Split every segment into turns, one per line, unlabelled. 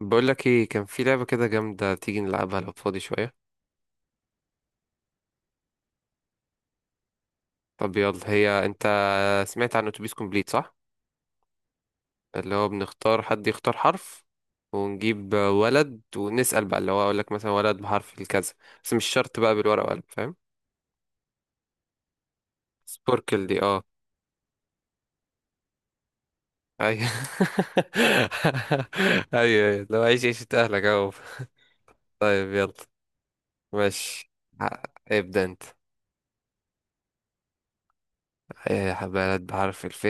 بقول لك ايه، كان في لعبة كده جامدة تيجي نلعبها لو فاضي شوية. طب يلا. هي انت سمعت عن اتوبيس كومبليت صح؟ اللي هو بنختار حد يختار حرف ونجيب ولد ونسأل بقى، اللي هو اقول لك مثلا ولد بحرف الكذا. بس مش شرط بقى بالورقة وقلم، فاهم؟ سبوركل دي اه. ايوه. ايوه، لو عيش عيشة اهلك اهو. طيب يلا. ماشي. ه- ابدأ انت. ايه بلد بحرف الف؟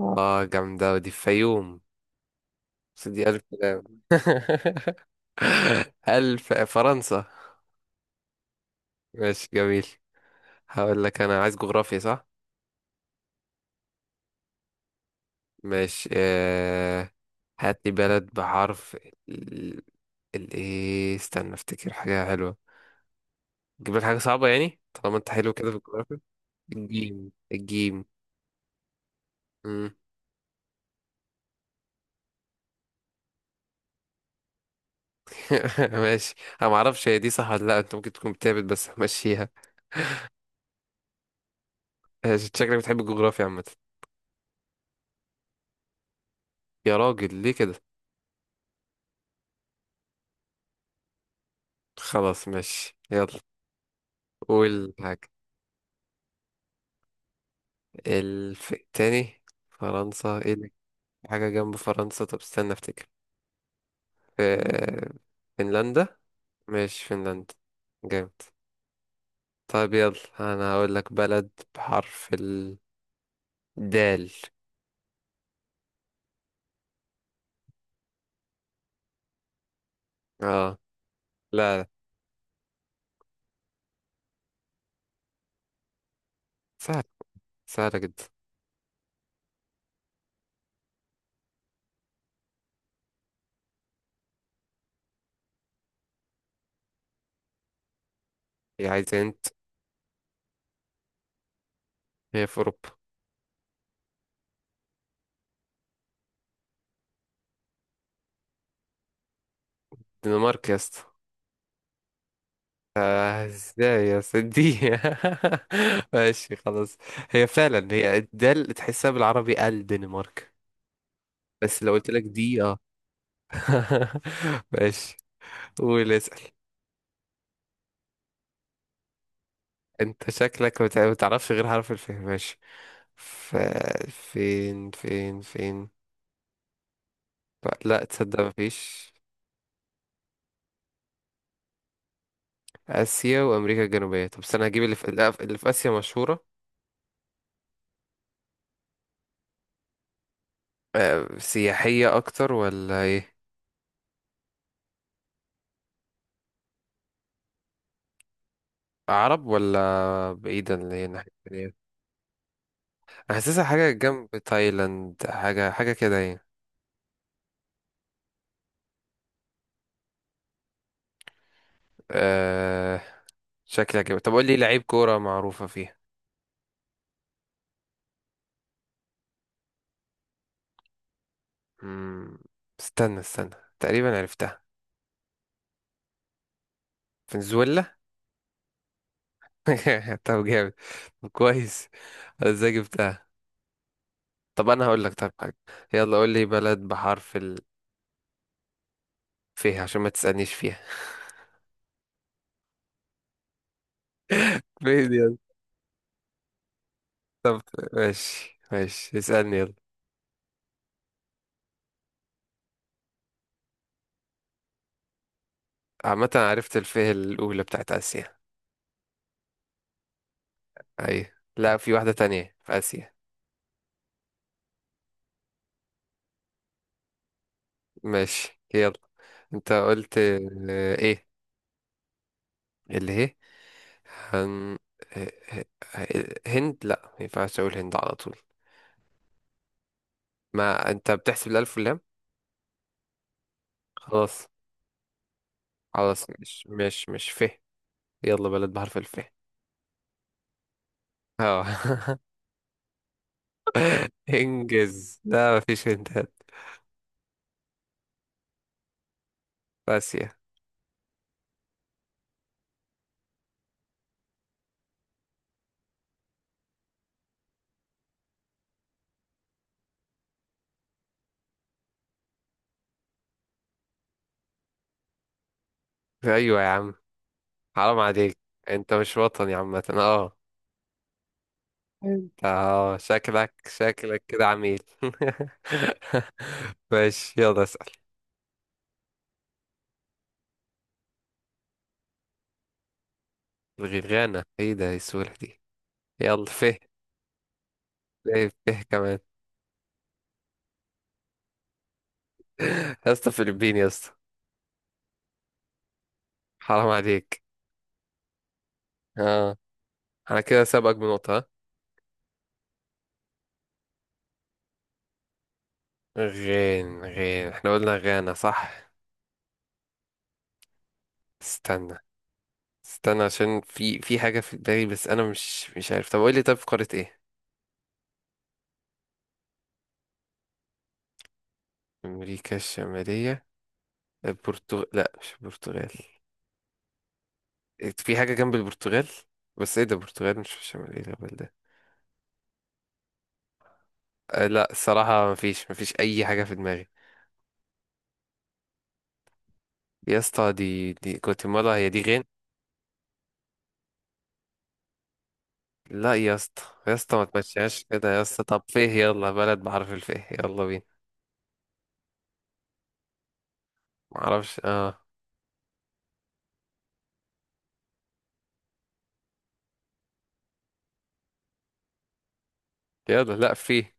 اه جامدة، ودي في فيوم سيدي ألف كلام. ألف فرنسا. ماشي جميل. هقول لك أنا عايز جغرافيا صح؟ ماشي. هات لي بلد بحرف ال. إيه استنى أفتكر حاجة حلوة. تجيب لك حاجة صعبة يعني، طالما أنت حلو كده في الجغرافيا. الجيم الجيم. مم. ماشي. أنا معرفش هي دي صح ولا لأ، أنت ممكن تكون بتهبط بس ماشيها. ماشي، شكلك بتحب الجغرافيا عامة. يا راجل ليه كده؟ خلاص ماشي يلا. قول حاجة. الف... تاني. فرنسا ايه اللي. حاجة جنب فرنسا، طب استنى افتكر. في. فنلندا. مش فنلندا. جامد. طيب يلا. انا هقول لك بلد بحرف الدال. اه. لا لا. سهل. سهلة جدا. هي عايزة انت. هي في اوروبا. الدنمارك يا اسطى. آه، ازاي يا سيدي. ماشي خلاص. هي فعلا هي الدال، تحسها بالعربي الدنمارك. بس لو قلت لك دي اه. ماشي. قول اسأل. انت شكلك ما تعرفش غير حرف الف، ماشي. ف... فين فين فين. لا تصدق مفيش. آسيا وأمريكا الجنوبية. طب استنى هجيب اللي في، لا، اللي في آسيا مشهورة. آه، سياحية أكتر ولا إيه؟ عرب ولا بعيدا، اللي هي الناحية التانية. أنا حاسسها حاجة جنب تايلاند، حاجة حاجة كده يعني. أه... شكلها كده. طب قول لي لعيب كورة معروفة فيها. مم، استنى استنى تقريبا عرفتها. فنزويلا. طب جامد. طب كويس، أنا ازاي جبتها. طب انا هقول لك، طب حاجه. يلا قول لي بلد بحرف ال. فيها، عشان ما تسالنيش فيها. ليه دي يلا؟ طب ماشي ماشي، اسالني يلا. عامه أنا عرفت الفيه الاولى بتاعت اسيا. اي، لا، في واحده تانية في اسيا. ماشي يلا. انت قلت آه، ايه. اللي هي. هن... آه، آه، آه، هند، لا ما ينفعش اقول هند على طول. ما انت بتحسب الالف واللام. خلاص. خلاص مش فيه. يلا بلد بحرف الف. اه. انجز ده مفيش هنتات. اسيا. ايوه يا عم. حرام عليك. انت مش وطني عامة اه. اه شكلك كده عميل. ماشي يلا اسأل. الغرغانة، ايه ده إيه السهولة دي. يلا فه. ليه فه كمان. يا اسطى فلبين يا اسطى. حرام عليك. اه، انا كده سابقك بنقطة ها؟ غين غين، احنا قلنا غانا صح. استنى استنى عشان في حاجة في دماغي، بس أنا مش عارف. طب قول لي، طب في قارة إيه؟ أمريكا الشمالية. البرتغال، لأ مش البرتغال. إيه، في حاجة جنب البرتغال، بس إيه ده البرتغال مش في الشمالية ده، بل ده. أه لأ الصراحة مفيش، مفيش أي حاجة في دماغي. يا اسطى دي جواتيمالا، هي دي غين؟ لأ يا اسطى، يا اسطى ما تمشيهاش كده يا اسطى. طب فيه، يلا بلد بعرف الفيه، يلا بينا. معرفش اه. يلا، لأ فيه.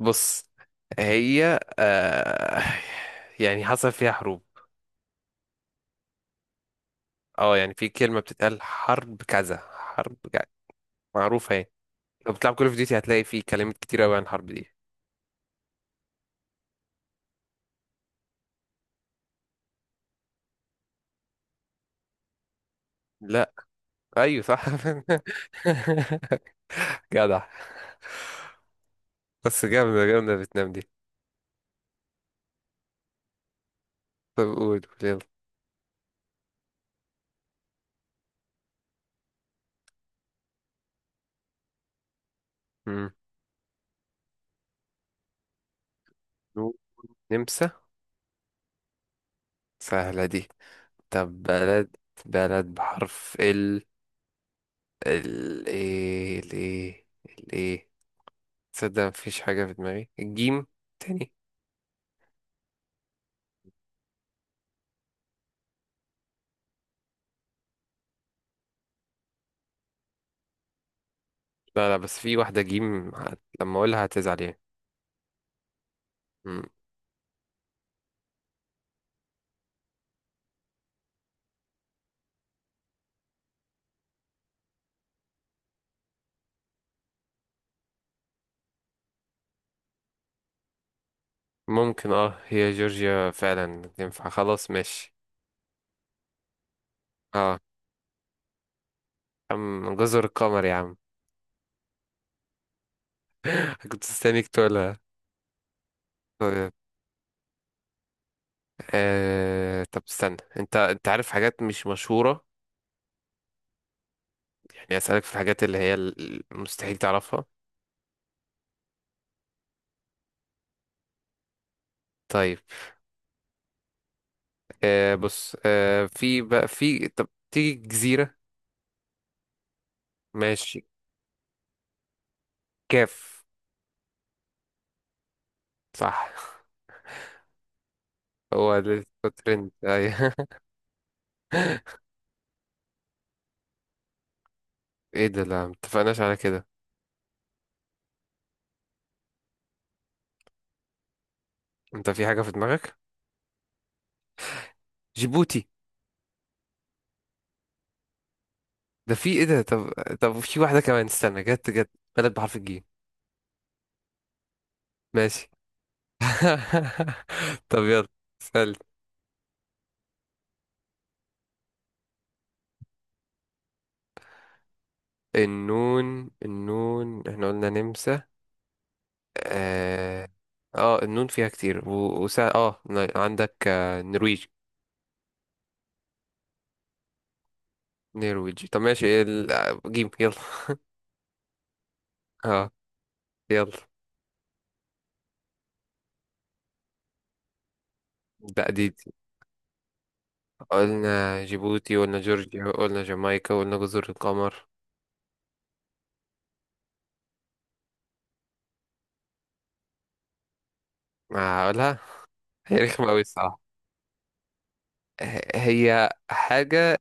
بص، هي آه يعني حصل فيها حروب. اه يعني في كلمة بتتقال حرب كذا حرب كذا، معروفة يعني. لو بتلعب كول اوف ديوتي هتلاقي في كلمات كتير قوي عن الحرب دي. لا. ايوه صح. جدع. بس جامدة جامدة فيتنام دي. طب قول قول يلا. مم. نمسا. سهلة دي. طب بلد. بلد بحرف ال. ال ايه ال ايه. ال ايه. تصدق مفيش حاجة في دماغي، الجيم تاني. لا لا، بس في واحدة جيم لما اقولها هتزعل يعني. ممكن اه، هي جورجيا فعلا تنفع خلاص، ماشي. اه، عم جزر القمر يا عم. كنت مستنيك تقولها. طيب. آه... طب استنى، انت عارف حاجات مش مشهورة يعني، اسألك في الحاجات اللي هي مستحيل تعرفها. طيب. آه بص، آه في بقى في، طب تيجي جزيرة. ماشي. كاف. صح. هو ده. ترند ايوه. ايه ده، لا متفقناش على كده. انت في حاجة في دماغك. جيبوتي. ده في ايه ده طب. طب في واحدة كمان، استنى جت جت. بلد بحرف الجيم. ماشي. طب يلا. سألت. النون، النون احنا قلنا نمسا. اه. آه النون فيها كتير، و... وسا... عندك آه نرويج. نرويج. طب ماشي. إيه ال... آه، جيم يلا. اه. يلا. لا دي دي. قلنا جيبوتي، قلنا جورجيا، قلنا جامايكا، قلنا جزر القمر. آه، اقولها. هي رخمة أوي الصراحة. هي حاجة.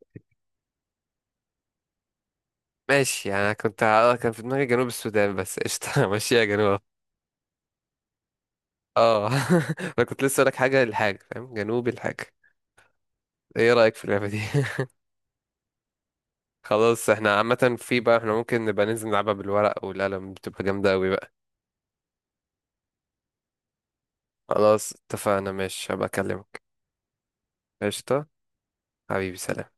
ماشي يعني، أنا كنت اه كان في دماغي جنوب السودان، بس قشطة. ماشي يا جنوب. اه انا كنت لسه لك حاجة للحاجة، فاهم، جنوب الحاجة. ايه رأيك في اللعبة دي؟ خلاص، احنا عامة في بقى، احنا ممكن نبقى ننزل نلعبها بالورق والقلم، بتبقى جامدة اوي بقى. خلاص اتفقنا. ماشي، هبقى اكلمك. قشطة. حبيبي سلام.